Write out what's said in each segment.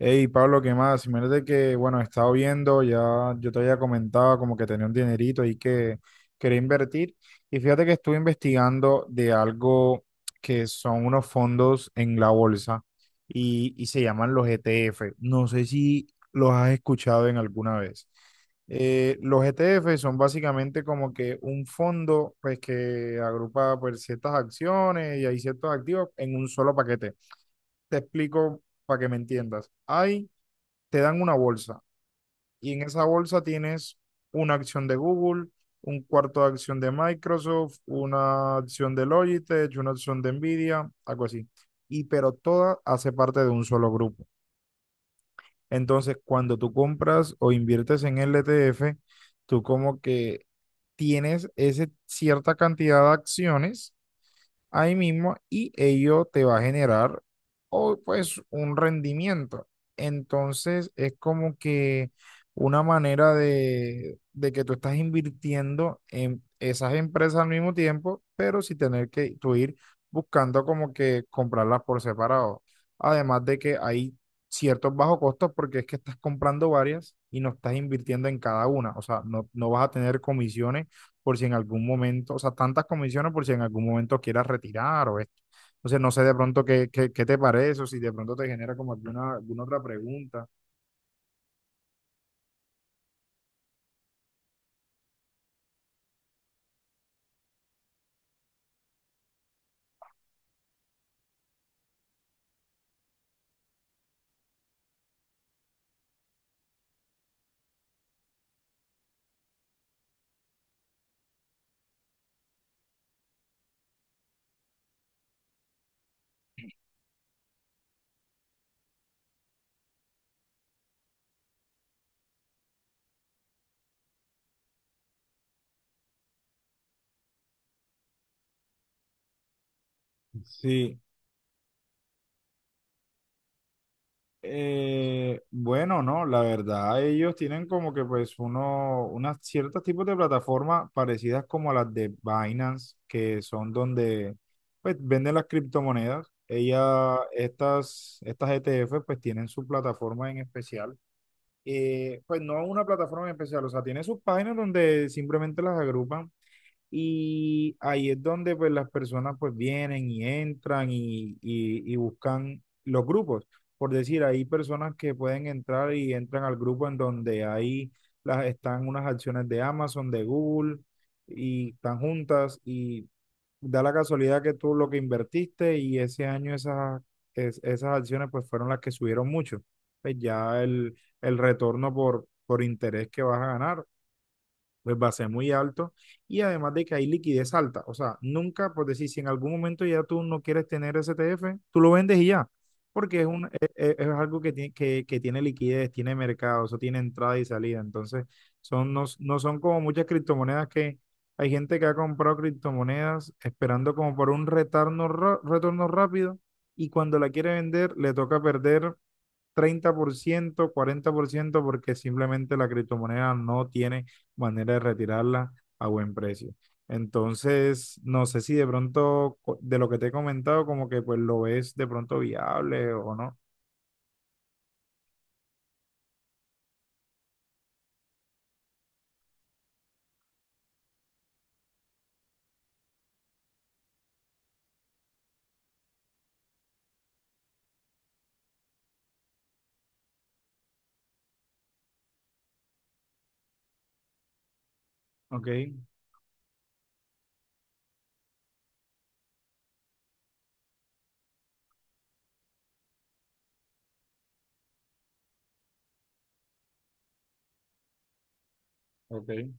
Hey, Pablo, ¿qué más? Imagínate que, he estado viendo, ya yo te había comentado como que tenía un dinerito ahí que quería invertir. Y fíjate que estuve investigando de algo que son unos fondos en la bolsa y se llaman los ETF. No sé si los has escuchado en alguna vez. Los ETF son básicamente como que un fondo pues, que agrupa pues, ciertas acciones y hay ciertos activos en un solo paquete. Te explico para que me entiendas. Hay te dan una bolsa y en esa bolsa tienes una acción de Google, un cuarto de acción de Microsoft, una acción de Logitech, una acción de Nvidia, algo así. Y pero toda hace parte de un solo grupo. Entonces, cuando tú compras o inviertes en el ETF, tú como que tienes esa cierta cantidad de acciones ahí mismo y ello te va a generar o, pues un rendimiento. Entonces es como que una manera de que tú estás invirtiendo en esas empresas al mismo tiempo, pero sin tener que tú ir buscando como que comprarlas por separado. Además de que hay ciertos bajos costos porque es que estás comprando varias y no estás invirtiendo en cada una. O sea, no vas a tener comisiones por si en algún momento, o sea, tantas comisiones por si en algún momento quieras retirar o esto. Entonces, no sé de pronto qué te parece o si de pronto te genera como alguna otra pregunta. Sí, bueno, no, la verdad, ellos tienen como que pues uno, unas ciertos tipos de plataformas parecidas como a las de Binance, que son donde pues venden las criptomonedas. Ella, estas ETF pues tienen su plataforma en especial, pues no una plataforma en especial, o sea, tiene sus páginas donde simplemente las agrupan y ahí es donde pues las personas pues vienen y entran y buscan los grupos. Por decir, hay personas que pueden entrar y entran al grupo en donde ahí las, están unas acciones de Amazon, de Google y están juntas y da la casualidad que tú lo que invertiste y ese año esas acciones pues fueron las que subieron mucho. Pues ya el retorno por interés que vas a ganar pues va a ser muy alto y además de que hay liquidez alta. O sea, nunca, por decir, si en algún momento ya tú no quieres tener STF, tú lo vendes y ya, porque es, un, es algo que tiene, tiene liquidez, tiene mercado, eso tiene entrada y salida. Entonces, son, no son como muchas criptomonedas que hay gente que ha comprado criptomonedas esperando como por un retorno rápido y cuando la quiere vender le toca perder 30% 40% porque simplemente la criptomoneda no tiene manera de retirarla a buen precio. Entonces, no sé si de pronto de lo que te he comentado, como que pues lo ves de pronto viable o no. Ok, ok.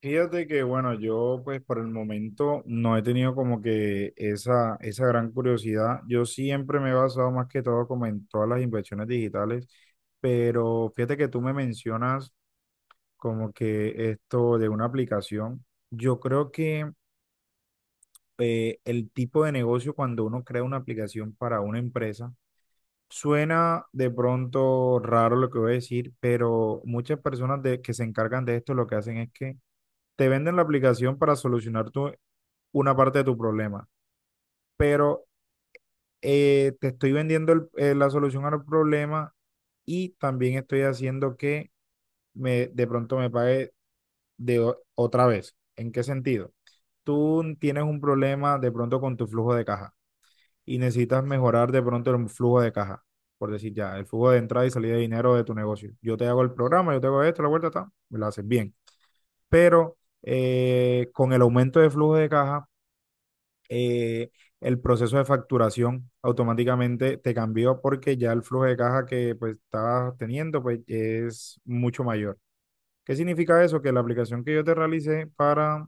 Fíjate que bueno, yo pues por el momento no he tenido como que esa gran curiosidad. Yo siempre me he basado más que todo como en todas las inversiones digitales, pero fíjate que tú me mencionas como que esto de una aplicación. Yo creo que el tipo de negocio cuando uno crea una aplicación para una empresa, suena de pronto raro lo que voy a decir, pero muchas personas que se encargan de esto lo que hacen es que te venden la aplicación para solucionar tu, una parte de tu problema, pero te estoy vendiendo la solución al problema y también estoy haciendo que me, de pronto me pague. De otra vez. ¿En qué sentido? Tú tienes un problema de pronto con tu flujo de caja y necesitas mejorar de pronto el flujo de caja, por decir ya, el flujo de entrada y salida de dinero de tu negocio. Yo te hago el programa, yo te hago esto, la vuelta está, me lo haces bien. Pero con el aumento de flujo de caja, eh, el proceso de facturación automáticamente te cambió porque ya el flujo de caja que pues estabas teniendo pues es mucho mayor. ¿Qué significa eso? Que la aplicación que yo te realicé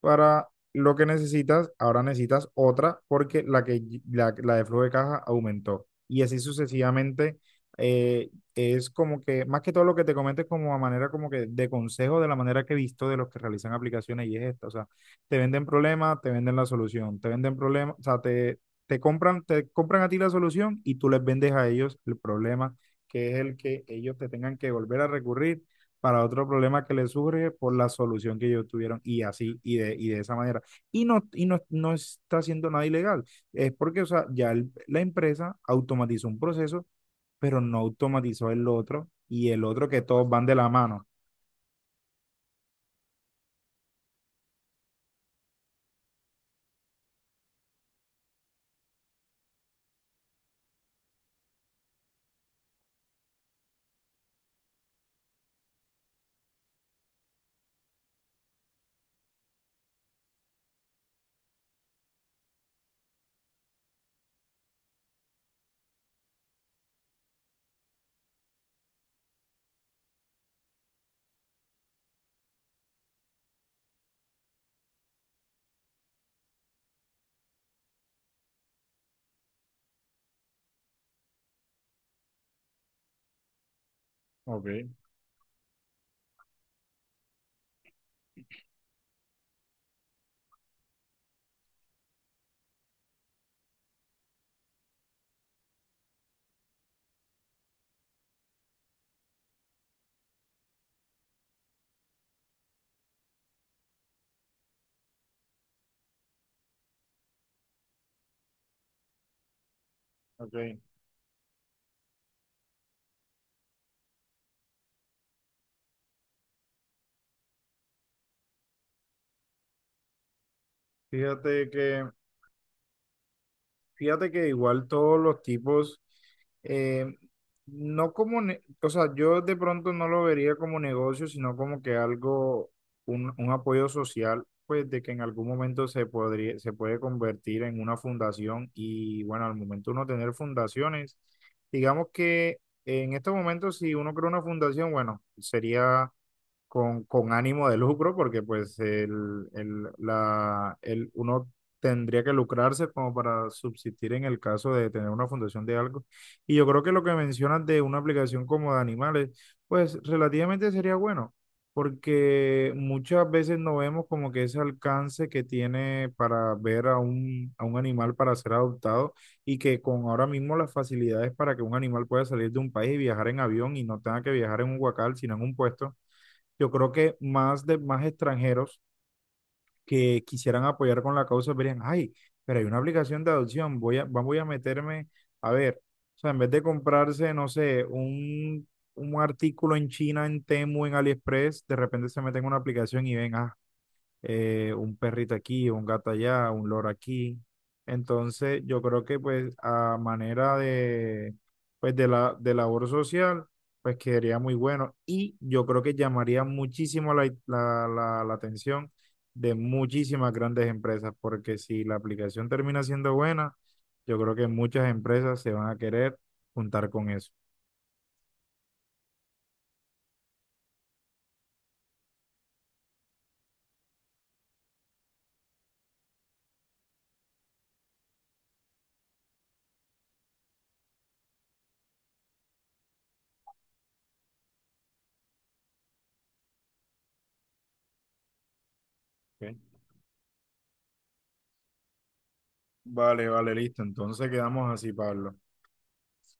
para lo que necesitas, ahora necesitas otra porque la de flujo de caja aumentó. Y así sucesivamente es como que, más que todo lo que te comento es como a manera como que de consejo de la manera que he visto de los que realizan aplicaciones y es esta, o sea, te venden problema, te venden la solución, te venden problema, o sea, te, te compran a ti la solución y tú les vendes a ellos el problema, que es el que ellos te tengan que volver a recurrir para otro problema que le surge por la solución que ellos tuvieron y así y de esa manera. No está haciendo nada ilegal. Es porque, o sea, ya la empresa automatizó un proceso, pero no automatizó el otro y el otro que todos van de la mano. Ok, ok. Fíjate que Fíjate que igual todos los tipos, eh, no como, o sea, yo de pronto no lo vería como negocio, sino como que algo, un apoyo social, pues de que en algún momento se podría, se puede convertir en una fundación y bueno, al momento uno tener fundaciones, digamos que en estos momentos si uno crea una fundación, bueno, sería con ánimo de lucro, porque pues uno tendría que lucrarse como para subsistir en el caso de tener una fundación de algo. Y yo creo que lo que mencionas de una aplicación como de animales, pues relativamente sería bueno, porque muchas veces no vemos como que ese alcance que tiene para ver a un animal para ser adoptado y que con ahora mismo las facilidades para que un animal pueda salir de un país y viajar en avión y no tenga que viajar en un huacal, sino en un puesto yo creo que más de más extranjeros que quisieran apoyar con la causa verían, ay, pero hay una aplicación de adopción, voy a, voy a meterme, a ver, o sea, en vez de comprarse, no sé, un artículo en China, en Temu, en AliExpress, de repente se meten en una aplicación y ven, ah, un perrito aquí, un gato allá, un loro aquí. Entonces, yo creo que pues a manera de, pues, de labor social, pues quedaría muy bueno y yo creo que llamaría muchísimo la atención de muchísimas grandes empresas, porque si la aplicación termina siendo buena, yo creo que muchas empresas se van a querer juntar con eso. ¿Ok? Vale, vale, listo. Entonces quedamos así, Pablo.